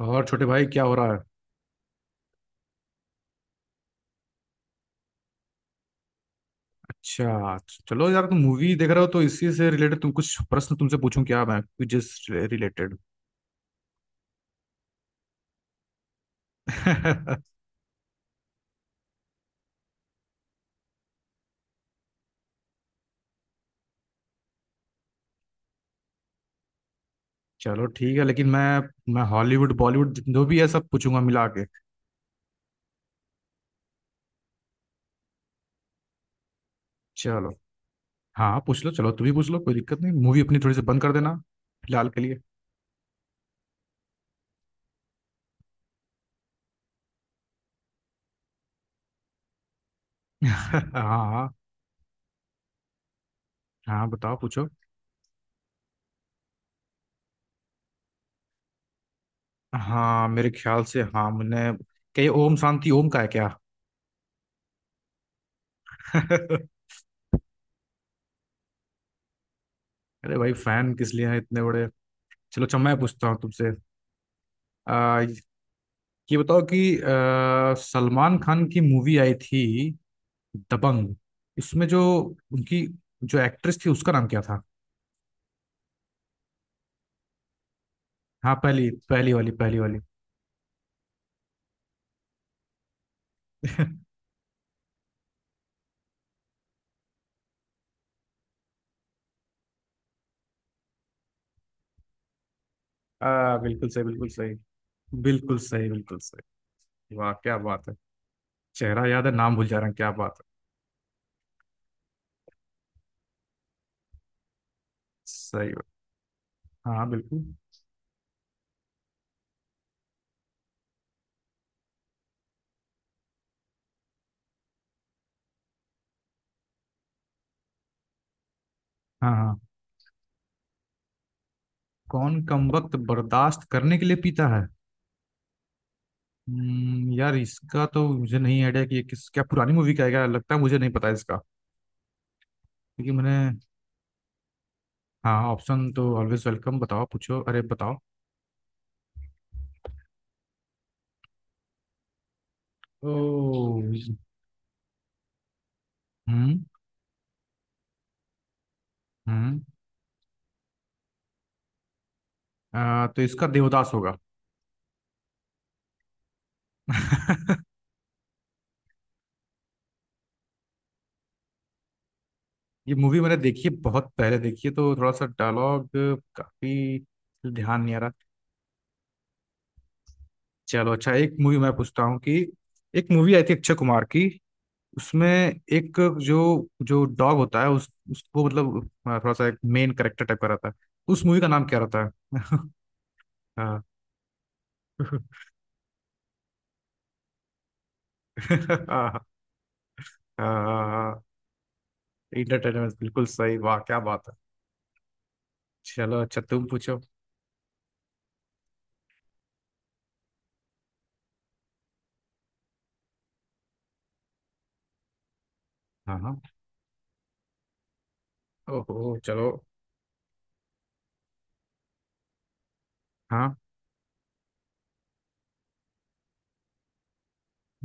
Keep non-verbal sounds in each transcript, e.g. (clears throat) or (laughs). और छोटे भाई क्या हो रहा है। अच्छा। चलो यार, तुम मूवी देख रहे हो तो इसी से रिलेटेड तुम कुछ प्रश्न, तुमसे पूछूं क्या मैं क्विजेस रिलेटेड? (laughs) चलो ठीक है, लेकिन मैं हॉलीवुड बॉलीवुड जो भी है सब पूछूंगा मिला के। चलो हाँ पूछ लो, चलो तुम भी पूछ लो, कोई दिक्कत नहीं, मूवी अपनी थोड़ी सी बंद कर देना फिलहाल के लिए। (laughs) हाँ, हाँ हाँ बताओ पूछो। हाँ मेरे ख्याल से, हाँ मैंने, क्या ये ओम शांति ओम का है क्या? (laughs) अरे भाई, फैन किस लिए हैं इतने बड़े। चलो अच्छा, मैं पूछता हूँ तुमसे। आ, ये बताओ कि सलमान खान की मूवी आई थी दबंग, इसमें जो उनकी जो एक्ट्रेस थी उसका नाम क्या था? हाँ पहली पहली वाली, पहली वाली। (laughs) बिल्कुल सही, बिल्कुल सही। बिल्कुल सही, बिल्कुल सही। वाह क्या बात है, चेहरा याद है नाम भूल जा रहा हूँ, क्या बात है। सही बात। हाँ बिल्कुल। हाँ हाँ। कौन कमबख्त बर्दाश्त करने के लिए पीता है। यार इसका तो मुझे नहीं आइडिया कि ये किस, क्या पुरानी मूवी का है क्या, लगता है मुझे नहीं पता इसका। क्योंकि मैंने, हाँ ऑप्शन तो ऑलवेज वेलकम, बताओ पूछो, अरे बताओ। ओ। हम्म। हम्म। तो इसका देवदास होगा। (laughs) ये मूवी मैंने देखी है, बहुत पहले देखी है तो थोड़ा सा डायलॉग काफी ध्यान नहीं आ रहा। चलो अच्छा, एक मूवी मैं पूछता हूँ कि एक मूवी आई थी अक्षय कुमार की, उसमें एक जो जो डॉग होता है उस उसको मतलब थोड़ा सा एक मेन कैरेक्टर टाइप का रहता है, उस मूवी का नाम क्या रहता है? (laughs) हाँ। (laughs) हाँ हाँ हाँ। इंटरटेनमेंट बिल्कुल सही, वाह क्या बात है। चलो अच्छा तुम पूछो। हाँ हाँ, ओहो चलो। हाँ।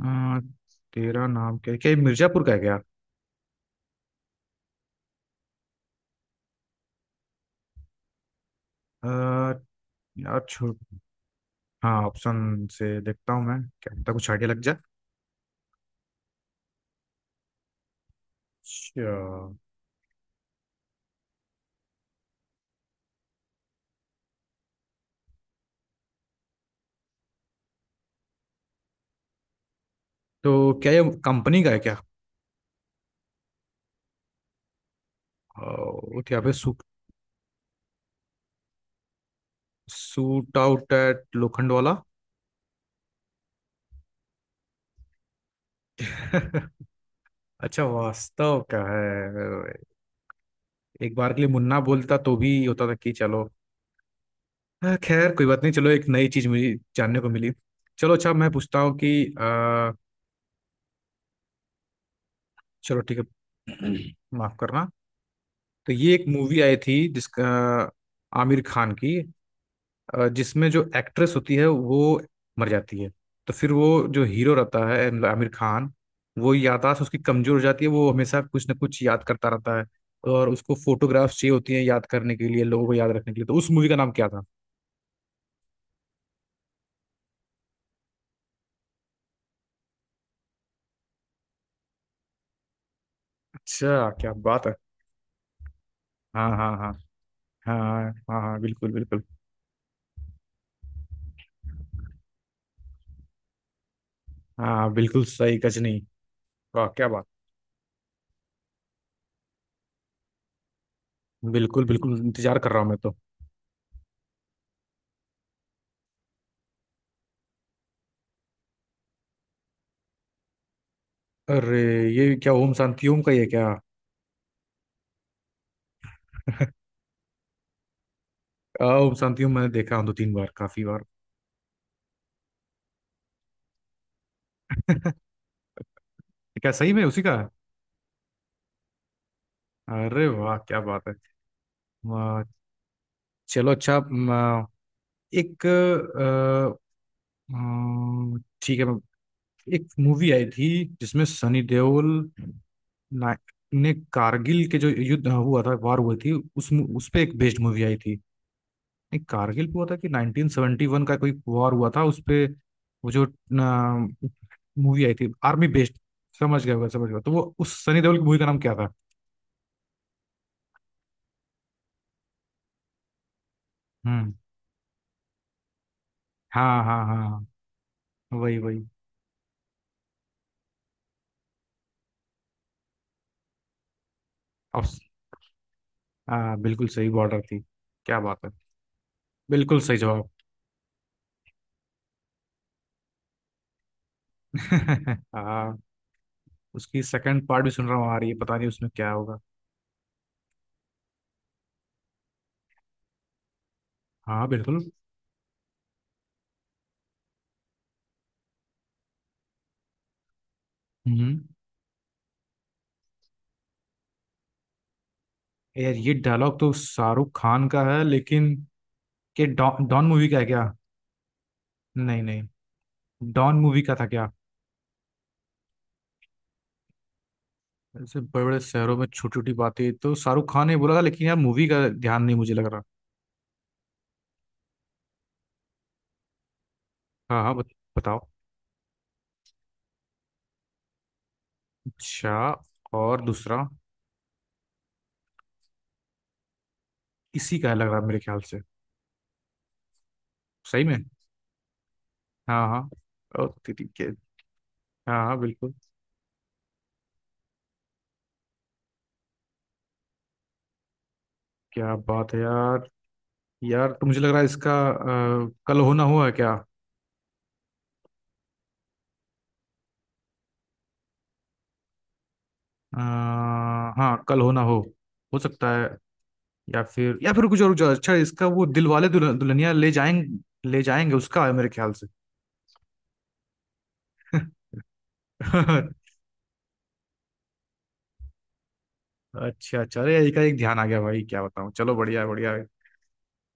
अ, तेरा नाम क्या, क्या ये मिर्जापुर का है क्या? अ, यार छो, हाँ ऑप्शन से देखता हूँ मैं, क्या पता कुछ आइडिया लग जाए। अच्छा। तो क्या ये कंपनी का है क्या? ओ, क्या पे shoot, shootout at Lokhandwala वाला। (laughs) अच्छा वास्तव का है। एक बार के लिए मुन्ना बोलता तो भी होता था कि चलो। हाँ, खैर कोई बात नहीं, चलो एक नई चीज मुझे जानने को मिली। चलो अच्छा, मैं पूछता हूँ कि आ, चलो ठीक है। (clears throat) माफ करना। तो ये एक मूवी आई थी जिसका आमिर खान की, जिसमें जो एक्ट्रेस होती है वो मर जाती है। तो फिर वो जो हीरो रहता है मतलब आमिर खान, वो याददाश्त उसकी कमजोर हो जाती है, वो हमेशा कुछ ना कुछ याद करता रहता है। और उसको फोटोग्राफ्स चाहिए होती हैं, याद करने के लिए, लोगों को याद रखने के लिए। तो उस मूवी का नाम क्या था? अच्छा, क्या बात है। हाँ हाँ हाँ। हाँ हाँ हाँ, बिल्कुल बिल्कुल। हाँ बिल्कुल सही, गजनी। वाह क्या बात। बिल्कुल बिल्कुल, इंतजार कर रहा हूँ मैं तो। अरे, ये क्या ओम शांति ओम का, ये क्या? (laughs) ओम शांति ओम मैंने देखा हूँ दो तीन बार, काफी बार। (laughs) क्या सही में उसी का है? अरे वाह क्या बात है। वाह। चलो अच्छा एक अ, ठीक है एक मूवी आई थी जिसमें सनी देओल ना- ने कारगिल के जो युद्ध हुआ था वार हुई थी, उस पे एक बेस्ड मूवी आई थी। नहीं कारगिल पे हुआ था कि 1971 का कोई वॉर हुआ था उस पे। वो जो मूवी आई थी आर्मी बेस्ड, समझ गया होगा समझ गया, तो वो उस सनी देओल की मूवी का नाम क्या था? हम्म। हाँ हाँ हाँ, वही वही। अब, हाँ बिल्कुल सही, बॉर्डर थी। क्या बात है, बिल्कुल सही जवाब। (laughs) हाँ, उसकी सेकंड पार्ट भी सुन रहा हूँ आ रही है, पता नहीं उसमें क्या होगा। हाँ बिल्कुल। हम्म, यार ये डायलॉग तो शाहरुख खान का है, लेकिन के डॉन, डॉन मूवी का है क्या? नहीं नहीं, डॉन मूवी का था क्या? ऐसे बड़े बड़े शहरों में छोटी छोटी बातें, तो शाहरुख खान ने बोला था, लेकिन यार मूवी का ध्यान नहीं मुझे लग रहा। हाँ हाँ बताओ। अच्छा। और दूसरा इसी का है लग रहा है मेरे ख्याल से। सही में। हाँ हाँ। ओ तेरी के। हाँ हाँ बिल्कुल। क्या बात है यार। यार तो मुझे लग रहा है इसका कल होना हो है क्या? अ, हाँ कल होना हो सकता है। या फिर कुछ और कुछ और। अच्छा इसका वो दिल वाले दुल्हनिया ले जाएंगे, ले जाएंगे उसका है मेरे ख्याल से। (laughs) अच्छा अच्छा, अरे यही का एक ध्यान आ गया, भाई क्या बताऊँ, चलो बढ़िया है, बढ़िया है।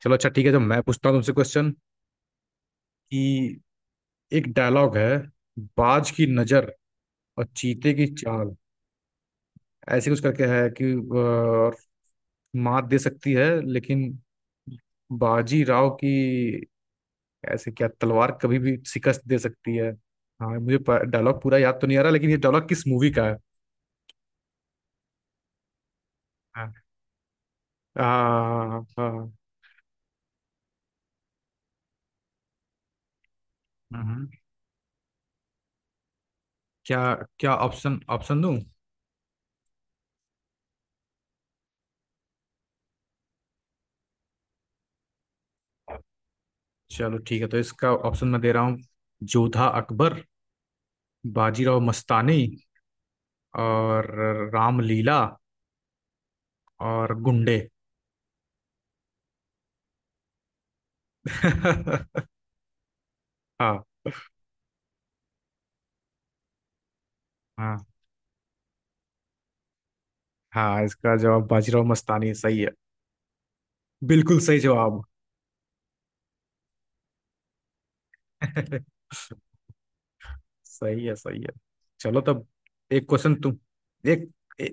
चलो अच्छा ठीक है, तो मैं पूछता हूँ तुमसे क्वेश्चन कि एक डायलॉग है, बाज की नजर और चीते की चाल, ऐसे कुछ करके है कि और मात दे सकती है लेकिन बाजी राव की ऐसे क्या तलवार कभी भी शिकस्त दे सकती है। हाँ मुझे डायलॉग पूरा याद तो नहीं आ रहा, लेकिन ये डायलॉग किस मूवी का है? हाँ हाँ हाँ, हाँ। हम्म। क्या, क्या ऑप्शन, ऑप्शन दूं? चलो ठीक है, तो इसका ऑप्शन मैं दे रहा हूँ, जोधा अकबर, बाजीराव मस्तानी, और रामलीला, और गुंडे। (laughs) हाँ। हाँ हाँ, इसका जवाब बाजीराव मस्तानी सही है। बिल्कुल सही जवाब। (laughs) सही है सही है। चलो तब, एक क्वेश्चन तुम एक ए,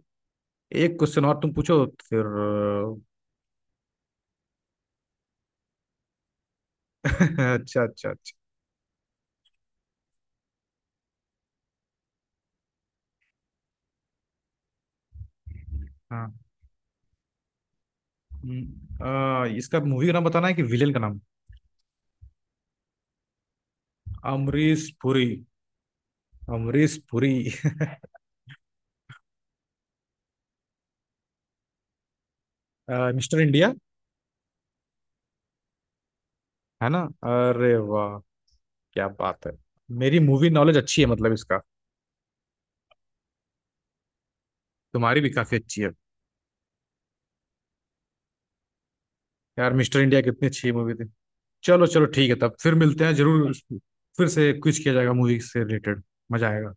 एक क्वेश्चन और तुम पूछो फिर। (laughs) अच्छा अच्छा अच्छा। हाँ। इसका मूवी का नाम बताना है कि विलेन का नाम? अमरीश पुरी, अमरीश पुरी। (laughs) Mister India. है ना। अरे वाह क्या बात है। मेरी मूवी नॉलेज अच्छी है मतलब इसका, तुम्हारी भी काफी अच्छी है। यार मिस्टर इंडिया कितनी अच्छी मूवी थी। चलो चलो ठीक है, तब फिर मिलते हैं जरूर, फिर से क्विज किया जाएगा मूवी से रिलेटेड, मजा आएगा।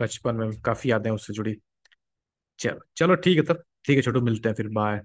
बचपन में काफी यादें उससे जुड़ी। चलो चलो ठीक है तब, ठीक है छोटू, मिलते हैं फिर, बाय।